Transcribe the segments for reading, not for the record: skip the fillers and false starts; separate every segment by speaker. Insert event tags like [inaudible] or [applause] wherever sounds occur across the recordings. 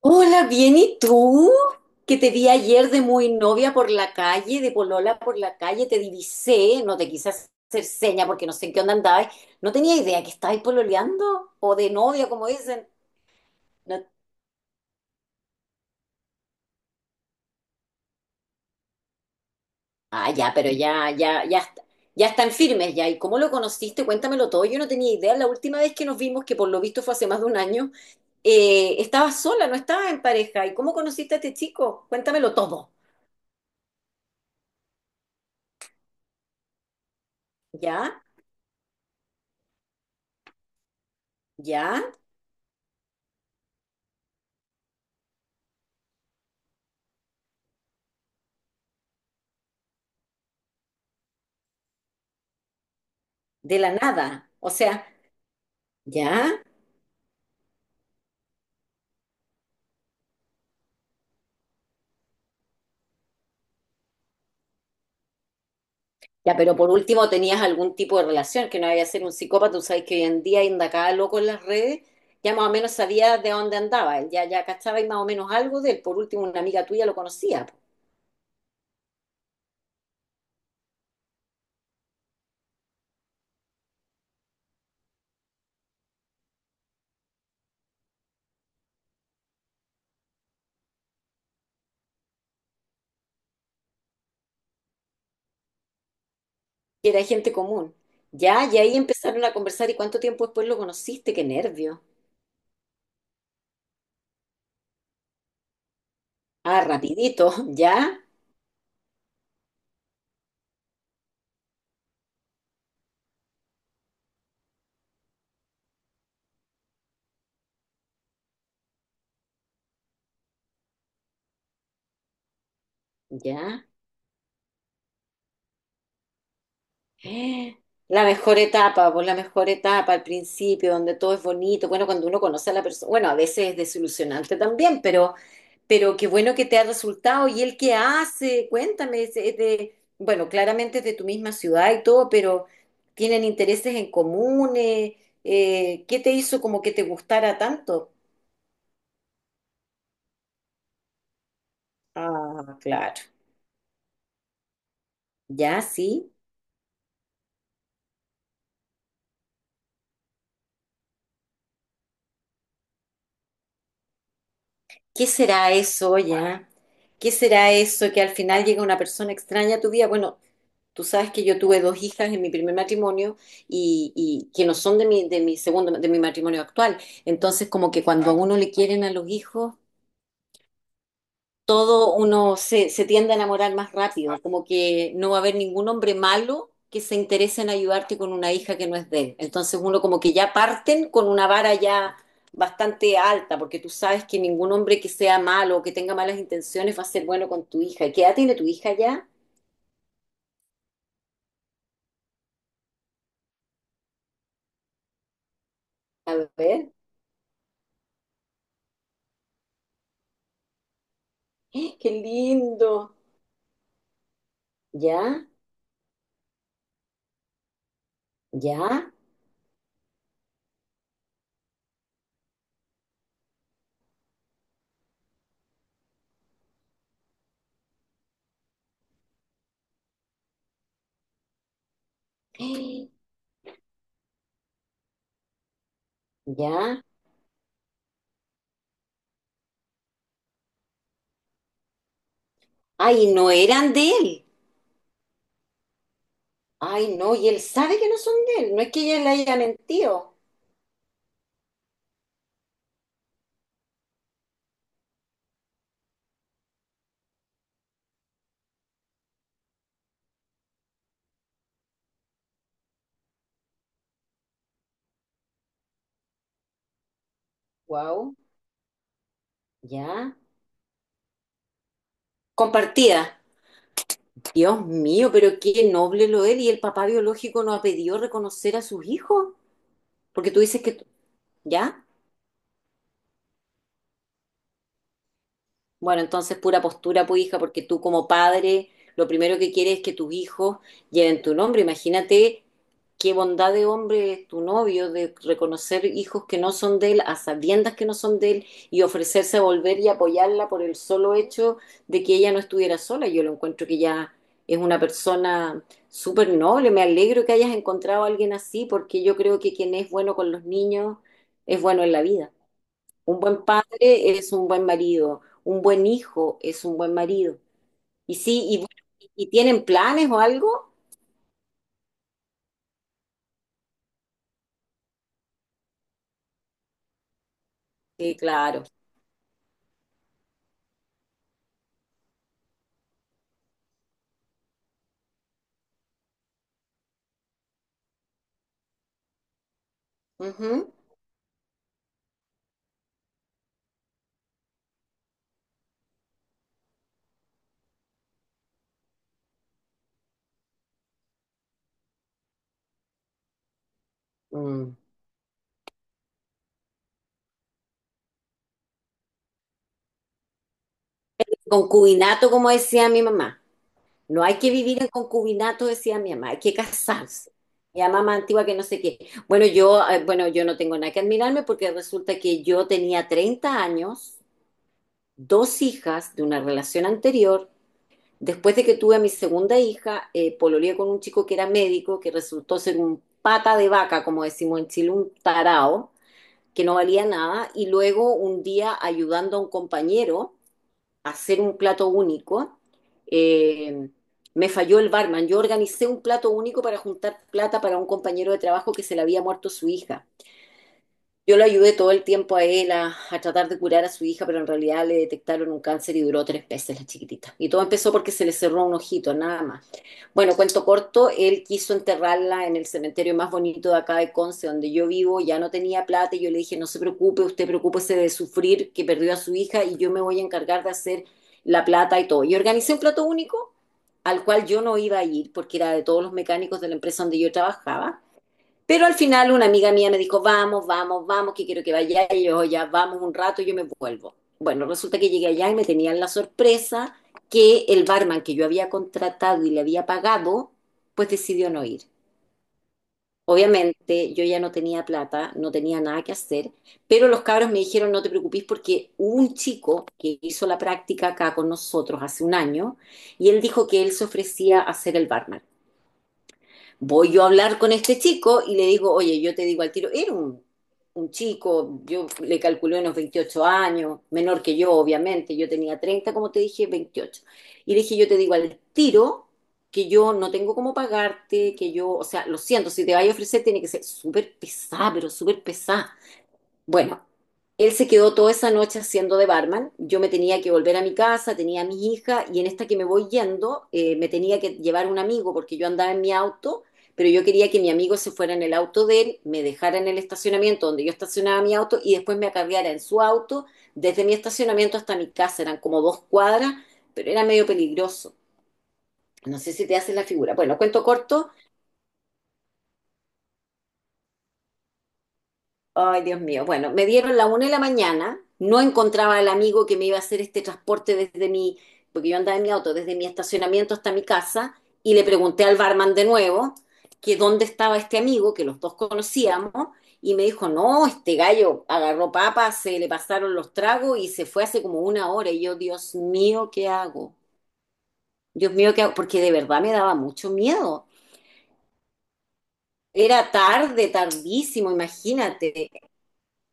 Speaker 1: Hola, bien, ¿y tú? Que te vi ayer de muy novia por la calle, de polola por la calle, te divisé, no te quise hacer seña porque no sé en qué onda andabas. No tenía idea que estabas pololeando o de novia, como dicen. No- Ah, ya, pero ya, ya, ya, ya están firmes ya. ¿Y cómo lo conociste? Cuéntamelo todo. Yo no tenía idea. La última vez que nos vimos, que por lo visto fue hace más de un año, estabas sola, no estabas en pareja. ¿Y cómo conociste a este chico? Cuéntamelo todo. ¿Ya? ¿Ya? De la nada. O sea, ¿ya? Ya, pero por último tenías algún tipo de relación, que no había ser un psicópata, tú sabes que hoy en día anda cada loco en las redes, ya más o menos sabía de dónde andaba, él ya, ya cachaba y más o menos algo de él, por último una amiga tuya lo conocía, po, que era gente común. Ya, y ahí empezaron a conversar y cuánto tiempo después lo conociste, qué nervio. Ah, rapidito, [laughs] ya, ya. Eh, La mejor etapa, pues la mejor etapa al principio, donde todo es bonito, bueno, cuando uno conoce a la persona, bueno, a veces es desilusionante también, pero... Pero qué bueno que te ha resultado. ¿Y él qué hace? Cuéntame, es de, bueno, claramente es de tu misma ciudad y todo, pero ¿tienen intereses en común? ¿Qué te hizo como que te gustara tanto? Ah, claro. Ya, sí. ¿Qué será eso ya? ¿Qué será eso que al final llega una persona extraña a tu vida? Bueno, tú sabes que yo tuve dos hijas en mi primer matrimonio y que no son de mi segundo, de mi matrimonio actual. Entonces, como que cuando a uno le quieren a los hijos, todo uno se tiende a enamorar más rápido, como que no va a haber ningún hombre malo que se interese en ayudarte con una hija que no es de él. Entonces uno como que ya parten con una vara ya bastante alta, porque tú sabes que ningún hombre que sea malo o que tenga malas intenciones va a ser bueno con tu hija. ¿Qué edad tiene tu hija ya? A ver, [gasps] qué lindo. ¿Ya? ¿Ya? [gasps] ¿Ya? Ay, no eran de él. Ay, no, y él sabe que no son de él. No es que ella le haya mentido. Wow. Ya. Compartida. Dios mío, pero qué noble lo él. ¿Y el papá biológico no ha pedido reconocer a sus hijos? Porque tú dices que... ¿Ya? Bueno, entonces pura postura, pues hija, porque tú como padre lo primero que quieres es que tus hijos lleven tu nombre. Imagínate qué bondad de hombre es tu novio de reconocer hijos que no son de él, a sabiendas que no son de él, y ofrecerse a volver y apoyarla por el solo hecho de que ella no estuviera sola. Yo lo encuentro que ya es una persona súper noble. Me alegro que hayas encontrado a alguien así, porque yo creo que quien es bueno con los niños es bueno en la vida. Un buen padre es un buen marido, un buen hijo es un buen marido. Y sí, y, bueno, ¿Y tienen planes o algo? Sí, claro. Ujú. Mm. Concubinato, como decía mi mamá. No hay que vivir en concubinato, decía mi mamá, hay que casarse. Mi mamá más antigua que no sé qué. Bueno, yo, bueno, yo no tengo nada que admirarme porque resulta que yo tenía 30 años, dos hijas de una relación anterior. Después de que tuve a mi segunda hija, pololeé con un chico que era médico, que resultó ser un pata de vaca, como decimos en Chile, un tarao, que no valía nada, y luego un día ayudando a un compañero a hacer un plato único, eh, me falló el barman. Yo organicé un plato único para juntar plata para un compañero de trabajo que se le había muerto su hija. Yo lo ayudé todo el tiempo a él a tratar de curar a su hija, pero en realidad le detectaron un cáncer y duró 3 meses la chiquitita. Y todo empezó porque se le cerró un ojito, nada más. Bueno, cuento corto, él quiso enterrarla en el cementerio más bonito de acá de Conce, donde yo vivo, ya no tenía plata y yo le dije, no se preocupe, usted preocúpese de sufrir que perdió a su hija y yo me voy a encargar de hacer la plata y todo. Y organicé un plato único al cual yo no iba a ir porque era de todos los mecánicos de la empresa donde yo trabajaba, pero al final una amiga mía me dijo, vamos, vamos, vamos, que quiero que vaya. Y yo, ya, vamos un rato, yo me vuelvo. Bueno, resulta que llegué allá y me tenían la sorpresa que el barman que yo había contratado y le había pagado, pues decidió no ir. Obviamente yo ya no tenía plata, no tenía nada que hacer, pero los cabros me dijeron, no te preocupes porque hubo un chico que hizo la práctica acá con nosotros hace un año y él dijo que él se ofrecía a ser el barman. Voy yo a hablar con este chico y le digo, oye, yo te digo al tiro, era un chico, yo le calculé unos 28 años, menor que yo, obviamente, yo tenía 30 como te dije, 28. Y le dije, yo te digo al tiro que yo no tengo cómo pagarte, que yo, o sea, lo siento, si te vaya a ofrecer tiene que ser súper pesada, pero súper pesada. Bueno, él se quedó toda esa noche haciendo de barman. Yo me tenía que volver a mi casa, tenía a mis hijas y en esta que me voy yendo, me tenía que llevar un amigo porque yo andaba en mi auto, pero yo quería que mi amigo se fuera en el auto de él, me dejara en el estacionamiento donde yo estacionaba mi auto y después me acarreara en su auto desde mi estacionamiento hasta mi casa. Eran como 2 cuadras, pero era medio peligroso. No sé si te haces la figura. Bueno, cuento corto. Ay, Dios mío. Bueno, me dieron la 1 de la mañana, no encontraba al amigo que me iba a hacer este transporte desde mi, porque yo andaba en mi auto, desde mi estacionamiento hasta mi casa, y le pregunté al barman de nuevo que dónde estaba este amigo, que los dos conocíamos, y me dijo, no, este gallo agarró papas, se le pasaron los tragos y se fue hace como una hora. Y yo, Dios mío, ¿qué hago? Dios mío, ¿qué hago? Porque de verdad me daba mucho miedo. Era tarde, tardísimo, imagínate.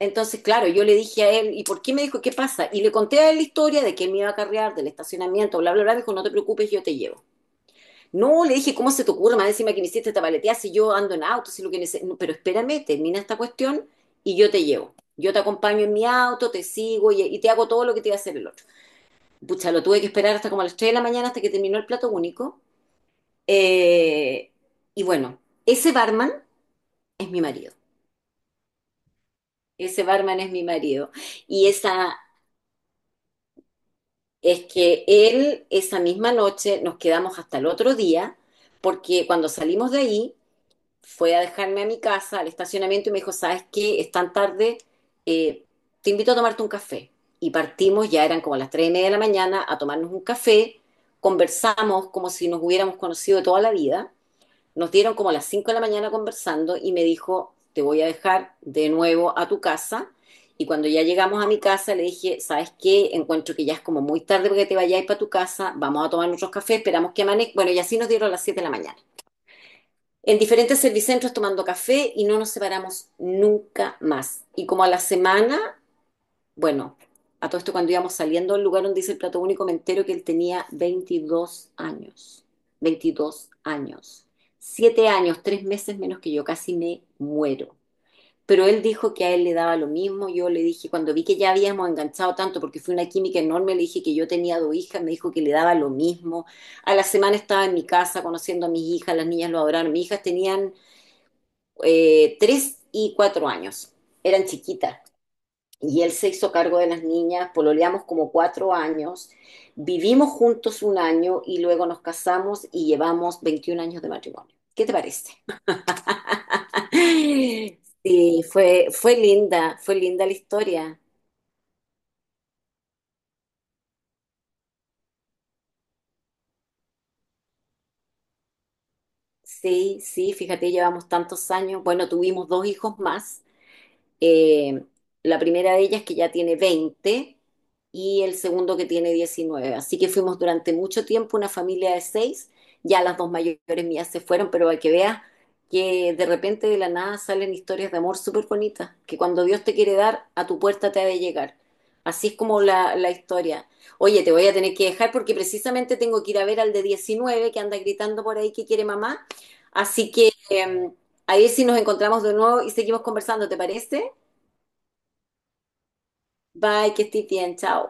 Speaker 1: Entonces, claro, yo le dije a él, ¿y por qué me dijo qué pasa? Y le conté a él la historia de que él me iba a carrear del estacionamiento, bla, bla, bla. Me dijo, no te preocupes, yo te llevo. No, le dije, ¿cómo se te ocurre? Más encima que me hiciste esta paleteada, si yo ando en auto, si lo que no, pero espérame, termina esta cuestión y yo te llevo. Yo te acompaño en mi auto, te sigo y te hago todo lo que te iba a hacer el otro. Pucha, lo tuve que esperar hasta como a las 3 de la mañana hasta que terminó el plato único. Eh, y bueno, ese barman es mi marido. Ese barman es mi marido. Y esa es que él esa misma noche nos quedamos hasta el otro día, porque cuando salimos de ahí fue a dejarme a mi casa, al estacionamiento, y me dijo, ¿sabes qué? Es tan tarde, eh, te invito a tomarte un café. Y partimos, ya eran como las 3:30 de la mañana, a tomarnos un café, conversamos como si nos hubiéramos conocido de toda la vida, nos dieron como a las 5 de la mañana conversando y me dijo, te voy a dejar de nuevo a tu casa. Y cuando ya llegamos a mi casa, le dije, ¿sabes qué? Encuentro que ya es como muy tarde porque te vayáis para tu casa, vamos a tomar nuestros cafés, esperamos que amanezca. Bueno, y así nos dieron a las 7 de la mañana. En diferentes servicentros tomando café y no nos separamos nunca más. Y como a la semana, bueno, a todo esto cuando íbamos saliendo del lugar donde hice el plato único, me entero que él tenía 22 años. 22 años. 7 años, 3 meses menos que yo, casi me muero. Pero él dijo que a él le daba lo mismo. Yo le dije, cuando vi que ya habíamos enganchado tanto, porque fue una química enorme, le dije que yo tenía dos hijas, me dijo que le daba lo mismo. A la semana estaba en mi casa conociendo a mis hijas, las niñas lo adoraron. Mis hijas tenían, 3 y 4 años, eran chiquitas y él se hizo cargo de las niñas, pololeamos como 4 años, vivimos juntos un año y luego nos casamos y llevamos 21 años de matrimonio. ¿Qué te parece? [laughs] Sí, fue linda, fue linda la historia. Sí, sí, fíjate, llevamos tantos años. Bueno, tuvimos dos hijos más. Eh, la primera de ellas que ya tiene 20 y el segundo que tiene 19. Así que fuimos durante mucho tiempo una familia de seis. Ya las dos mayores mías se fueron, pero hay que veas que de repente de la nada salen historias de amor súper bonitas, que cuando Dios te quiere dar, a tu puerta te ha de llegar. Así es como la historia. Oye, te voy a tener que dejar porque precisamente tengo que ir a ver al de 19 que anda gritando por ahí que quiere mamá. Así que a ver si nos encontramos de nuevo y seguimos conversando, ¿te parece? Bye, que estés bien, chao.